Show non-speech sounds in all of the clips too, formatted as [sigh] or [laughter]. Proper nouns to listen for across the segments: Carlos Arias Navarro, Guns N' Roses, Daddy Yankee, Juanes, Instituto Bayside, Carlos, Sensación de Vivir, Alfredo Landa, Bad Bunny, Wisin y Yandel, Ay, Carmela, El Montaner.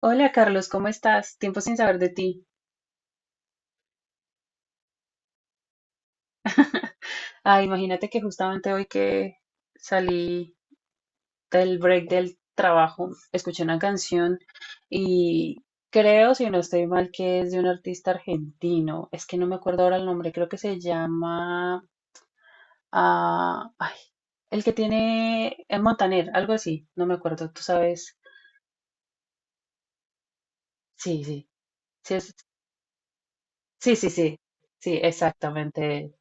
Hola Carlos, ¿cómo estás? Tiempo sin saber de ti. Ah, imagínate que justamente hoy que salí del break del trabajo, escuché una canción y creo, si no estoy mal, que es de un artista argentino. Es que no me acuerdo ahora el nombre, creo que se llama... ah, ay, el que tiene... El Montaner, algo así, no me acuerdo, tú sabes. Sí, sí, sí, es- Sí, sí, sí, sí, exactamente.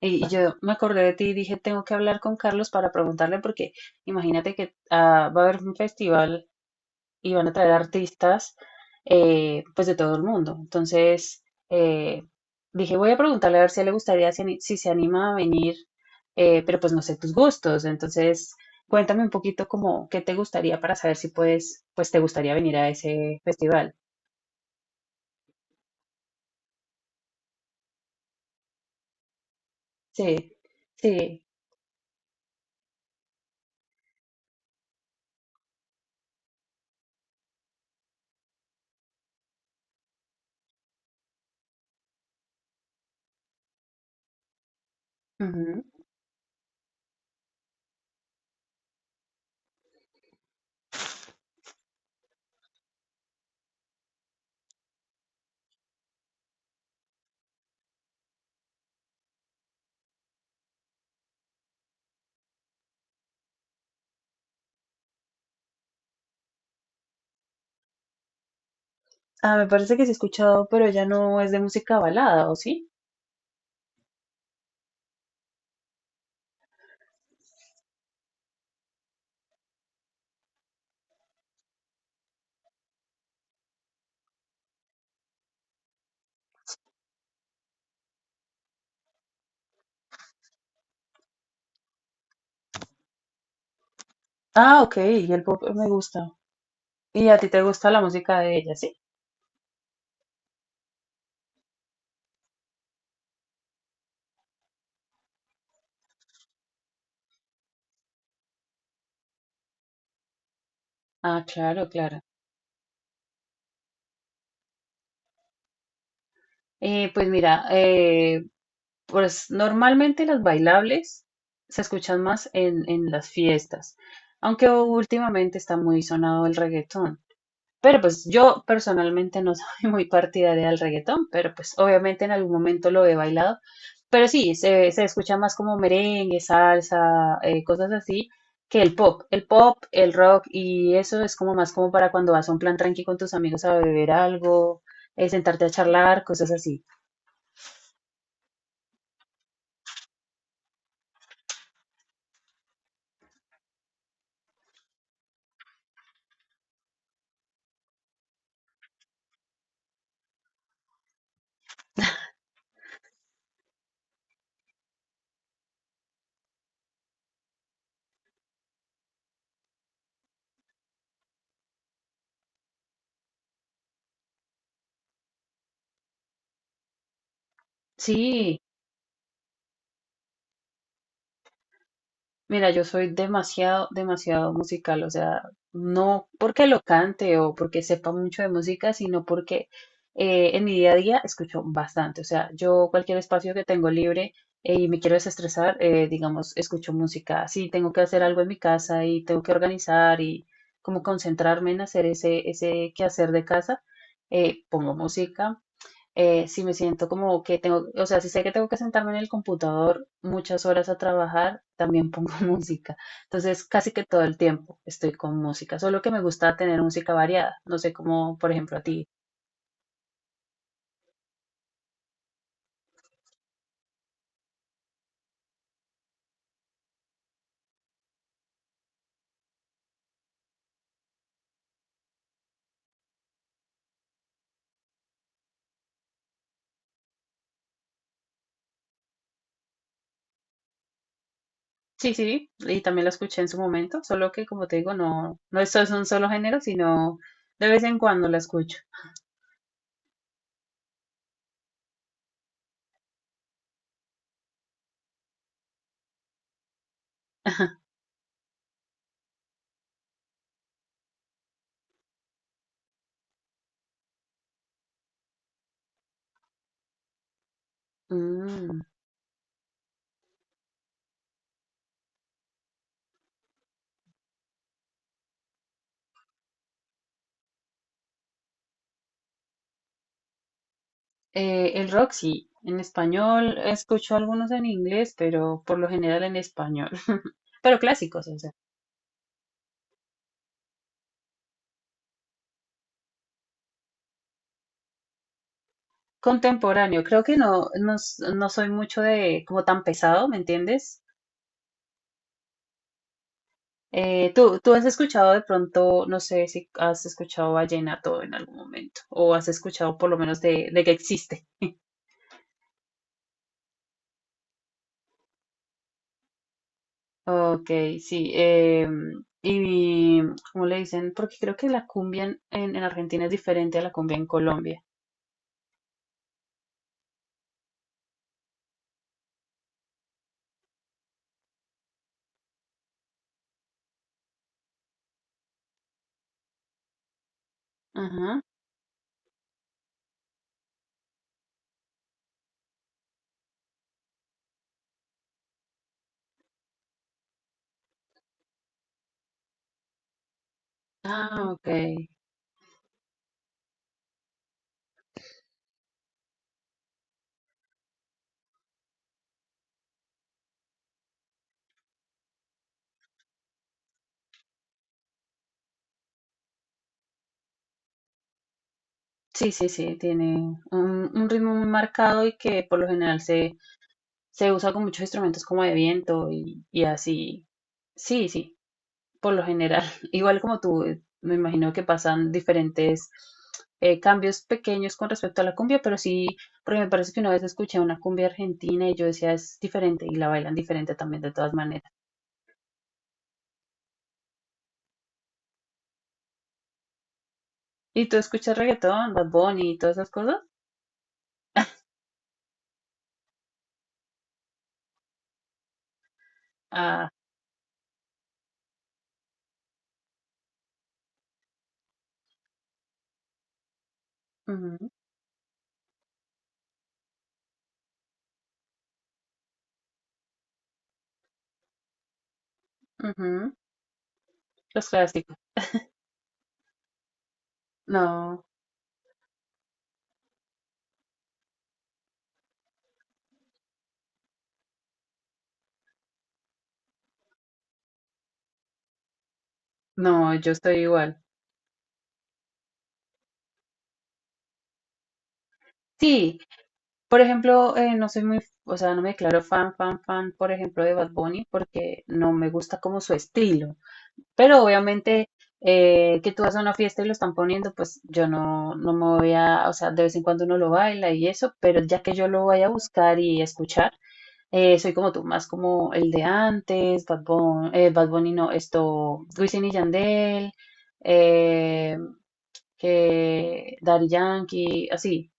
Y yo me acordé de ti y dije, tengo que hablar con Carlos para preguntarle porque imagínate que va a haber un festival y van a traer artistas pues de todo el mundo. Entonces eh, dije, voy a preguntarle a ver si a él le gustaría, si se anima a venir, pero pues no sé tus gustos. Entonces cuéntame un poquito como qué te gustaría para saber si puedes, pues te gustaría venir a ese festival. Sí, sí. Ah, me parece que sí he escuchado, pero ya no es de música balada, ¿o sí? Ah, ok, y el pop me gusta. ¿Y a ti te gusta la música de ella, sí? Ah, claro, claro. Pues mira, pues normalmente las bailables se escuchan más en las fiestas, aunque últimamente está muy sonado el reggaetón. Pero pues yo personalmente no soy [laughs] muy partidaria del reggaetón, pero pues obviamente en algún momento lo he bailado. Pero sí, se escucha más como merengue, salsa, cosas así, que el pop. El pop, el rock y eso es como más como para cuando vas a un plan tranqui con tus amigos a beber algo, sentarte a charlar, cosas así. Sí. Mira, yo soy demasiado, demasiado musical, o sea, no porque lo cante o porque sepa mucho de música, sino porque en mi día a día escucho bastante, o sea, yo cualquier espacio que tengo libre y me quiero desestresar, digamos, escucho música. Si tengo que hacer algo en mi casa y tengo que organizar y como concentrarme en hacer ese, ese quehacer de casa, pongo música si me siento como que tengo, o sea, si sé que tengo que sentarme en el computador muchas horas a trabajar, también pongo [laughs] música. Entonces, casi que todo el tiempo estoy con música, solo que me gusta tener música variada, no sé cómo, por ejemplo, a ti. Sí, sí, y también la escuché en su momento, solo que como te digo, no, no es un solo género, sino de vez en cuando la escucho. [laughs] Mm, el rock sí, en español escucho algunos en inglés, pero por lo general en español, [laughs] pero clásicos, o sea. Contemporáneo, creo que no, no soy mucho de como tan pesado, ¿me entiendes? ¿Tú, tú has escuchado de pronto, no sé si has escuchado vallenato en algún momento, o has escuchado por lo menos de que existe? [laughs] Ok, sí. Y ¿cómo le dicen? Porque creo que la cumbia en Argentina es diferente a la cumbia en Colombia. Ajá. Ah, ok. Sí, sí, sí, tiene un ritmo muy marcado y que por lo general se, se usa con muchos instrumentos como de viento y así. Sí, sí, por lo general. [laughs] Igual como tú, me imagino que pasan diferentes cambios pequeños con respecto a la cumbia, pero sí, porque me parece que una vez escuché una cumbia argentina y yo decía es diferente y la bailan diferente también de todas maneras. ¿Y tú escuchas reggaetón, Bad Bunny y todas esas cosas? Ah, ujú, ujú, los clásicos. No, no, yo estoy igual. Sí, por ejemplo, no soy muy, o sea, no me declaro fan, fan, fan, por ejemplo, de Bad Bunny porque no me gusta como su estilo. Pero obviamente que tú vas a una fiesta y lo están poniendo, pues yo no, no me voy a, o sea, de vez en cuando uno lo baila y eso, pero ya que yo lo vaya a buscar y escuchar, soy como tú, más como el de antes, Bad Bunny, Bad Bunny no, esto, Wisin y Yandel, eh, que Daddy Yankee, así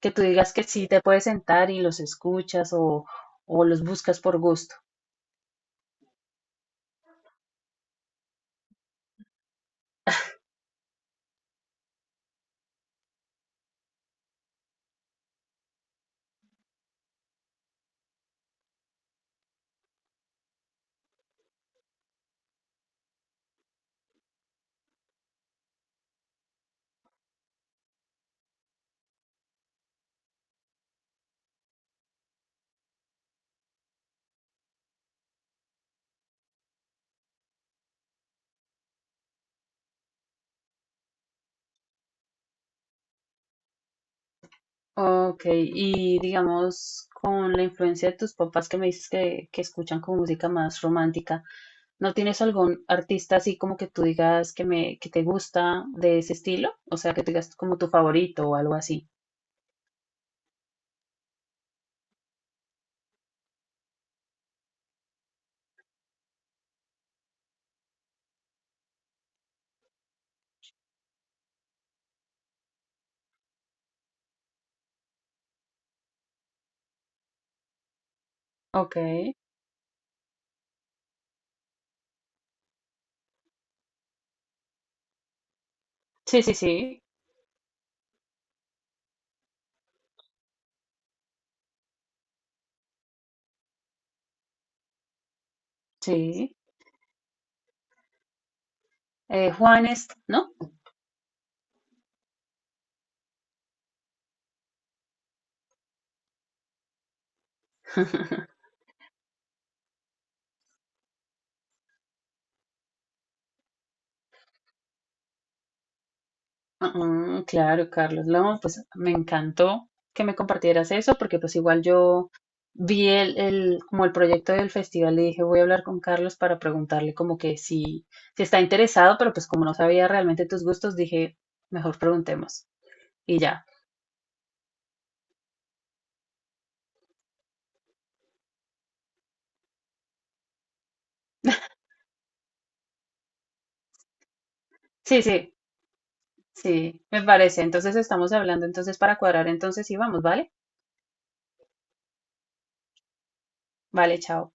que tú digas que sí te puedes sentar y los escuchas o los buscas por gusto. Ok, y digamos, con la influencia de tus papás que me dices que escuchan como música más romántica, ¿no tienes algún artista así como que tú digas que me, que te gusta de ese estilo? O sea, que tú digas como tu favorito o algo así. Ok, sí, sí, sí, sí. Juanes, ¿no? [laughs] Ah, claro, Carlos. No, pues me encantó que me compartieras eso, porque pues igual yo vi como el proyecto del festival y dije, voy a hablar con Carlos para preguntarle como que si, si está interesado, pero pues como no sabía realmente tus gustos, dije, mejor preguntemos. Y ya. Sí, sí, sí, me parece. Entonces estamos hablando entonces para cuadrar entonces y vamos, ¿vale? Vale, chao.